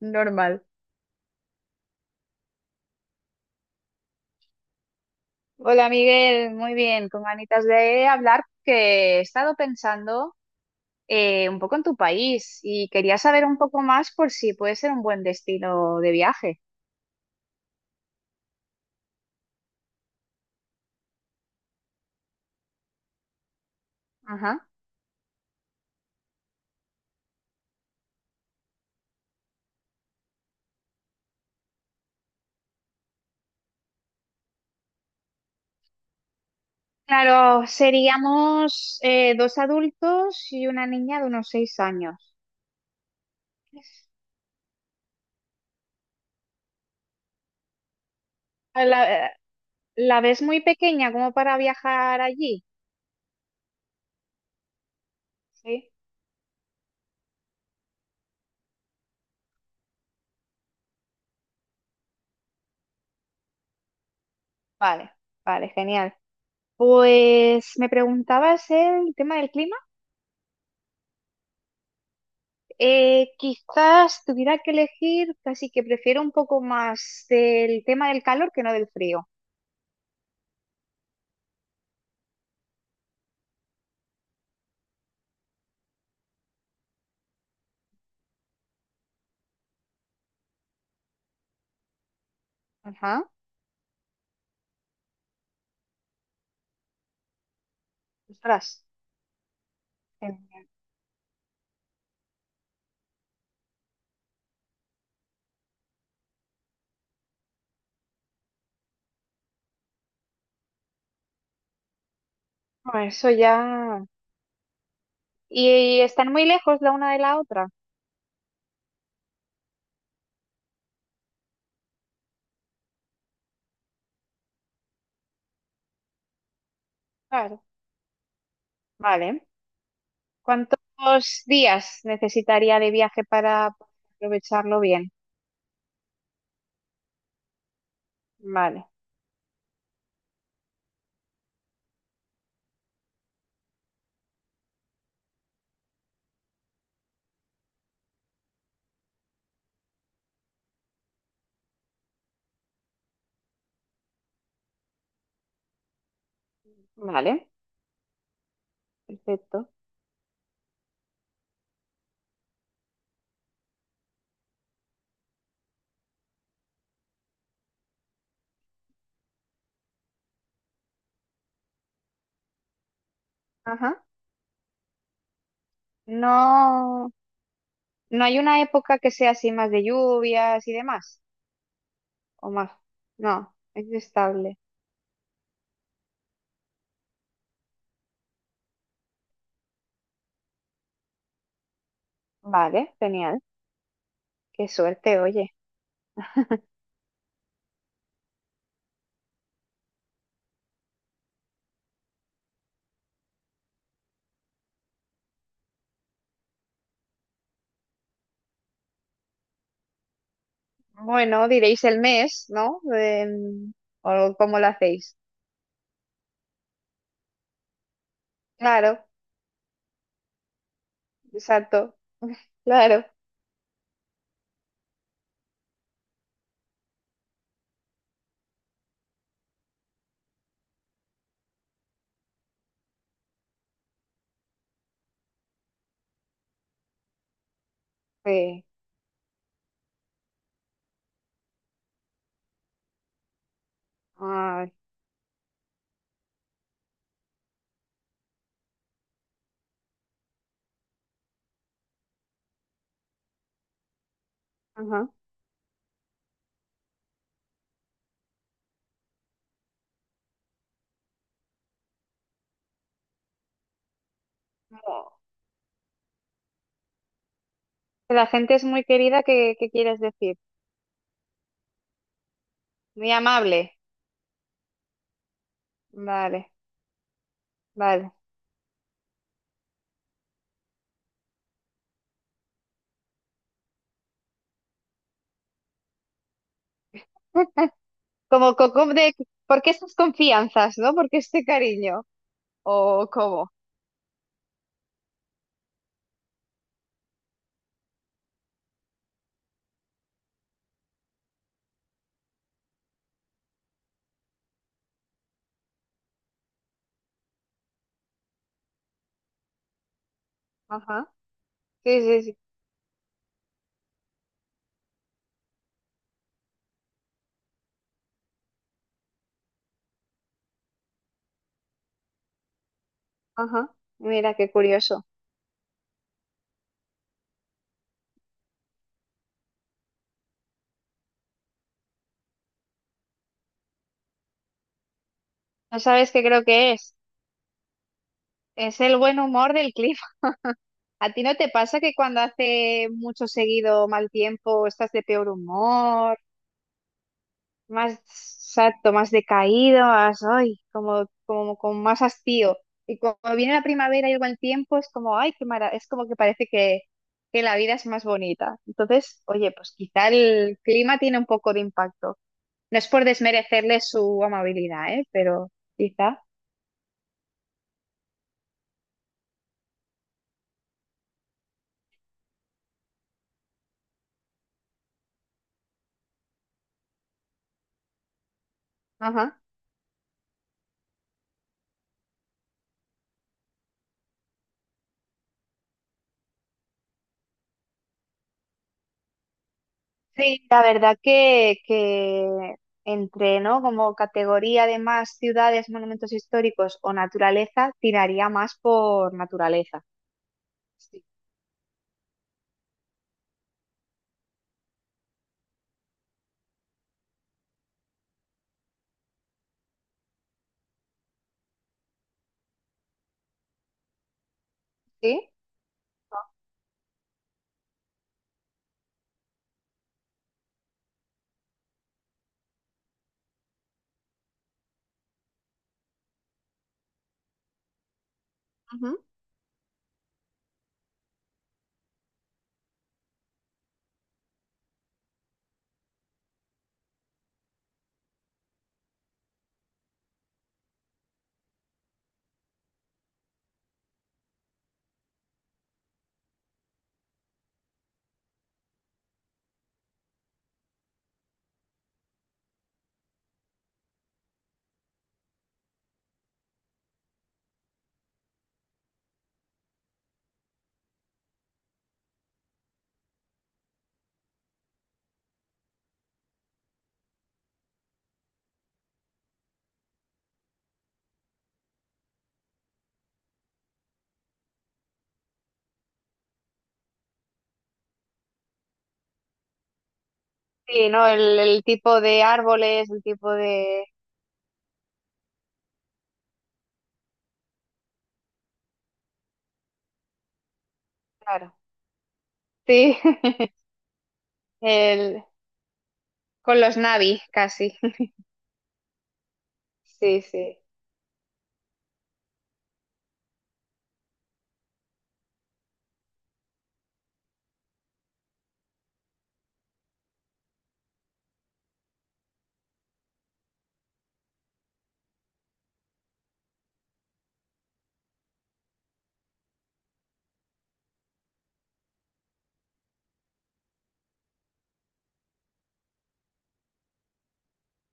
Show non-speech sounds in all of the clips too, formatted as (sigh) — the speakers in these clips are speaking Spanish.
Normal. Hola Miguel, muy bien, con ganitas de hablar que he estado pensando un poco en tu país y quería saber un poco más por si puede ser un buen destino de viaje. Ajá. Claro, seríamos dos adultos y una niña de unos 6 años. ¿La, la ves muy pequeña como para viajar allí? Sí. Vale, vale, genial. Pues me preguntabas el tema del clima. Quizás tuviera que elegir, casi que prefiero un poco más del tema del calor que no del frío. Ajá. Ostras. Eh, bueno, eso ya. ¿Y, están muy lejos la una de la otra? Claro. Vale. ¿Cuántos días necesitaría de viaje para aprovecharlo bien? Vale. Vale. Perfecto. Ajá. No, no hay una época que sea así más de lluvias y demás, o más. No, es estable. Vale, genial. Qué suerte, oye. Bueno, diréis el mes, ¿no? O cómo lo hacéis. Claro, exacto, claro. Sí. Ay, ajá. No. La gente es muy querida, ¿qué, qué quieres decir? Muy amable. Vale, vale. (laughs) Como, como de, ¿por qué estas confianzas, no? ¿Por qué este cariño? ¿O cómo? Ajá. Sí, sí, sí. Ajá. Mira, qué curioso. ¿No sabes qué creo que es? Es el buen humor del cliente. ¿A ti no te pasa que cuando hace mucho seguido mal tiempo estás de peor humor, más exacto, más decaído, más, ay, como, como con más hastío? Y cuando viene la primavera y el buen tiempo es como, ay, qué mara, es como que parece que la vida es más bonita. Entonces, oye, pues quizá el clima tiene un poco de impacto. No es por desmerecerle su amabilidad, ¿eh? Pero quizá. Ajá. Sí, la verdad que entre, ¿no? Como categoría de más ciudades, monumentos históricos o naturaleza, tiraría más por naturaleza. Sí. ¿Sí? Ujú. Sí, ¿no? El tipo de árboles, el tipo de... Claro. Sí, (laughs) el... con los Navi casi. (laughs) Sí, sí.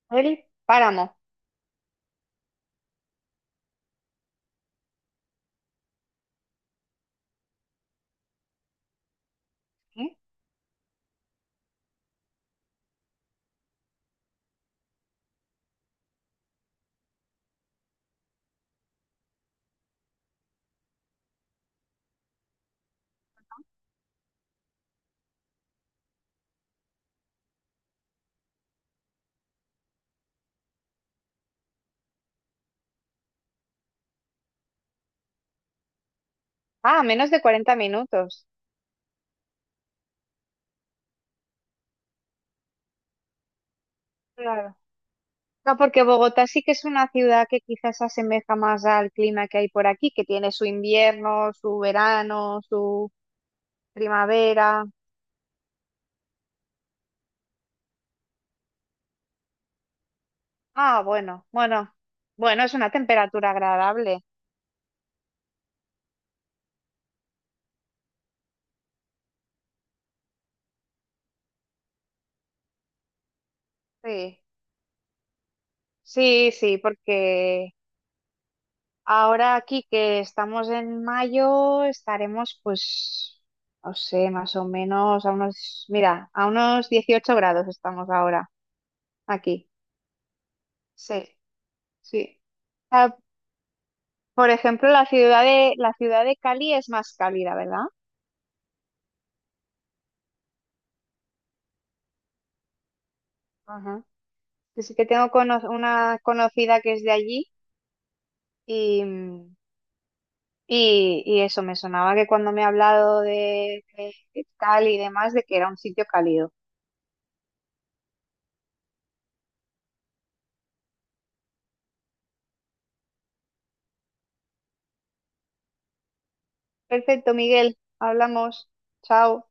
El páramo. ¿Eh? Ah, menos de 40 minutos. Claro. No, porque Bogotá sí que es una ciudad que quizás se asemeja más al clima que hay por aquí, que tiene su invierno, su verano, su primavera. Ah, bueno, bueno, bueno, es una temperatura agradable. Sí, sí, sí, porque ahora aquí que estamos en mayo, estaremos pues, no sé, más o menos a unos, mira, a unos 18 grados estamos ahora aquí. Sí, sí. Ah, por ejemplo, la ciudad de Cali es más cálida, ¿verdad? Ajá. Yo sí que tengo una conocida que es de allí y, mm, y eso, me sonaba que cuando me ha hablado de, de Cali y demás, de que era un sitio cálido. Perfecto, Miguel, hablamos. Chao.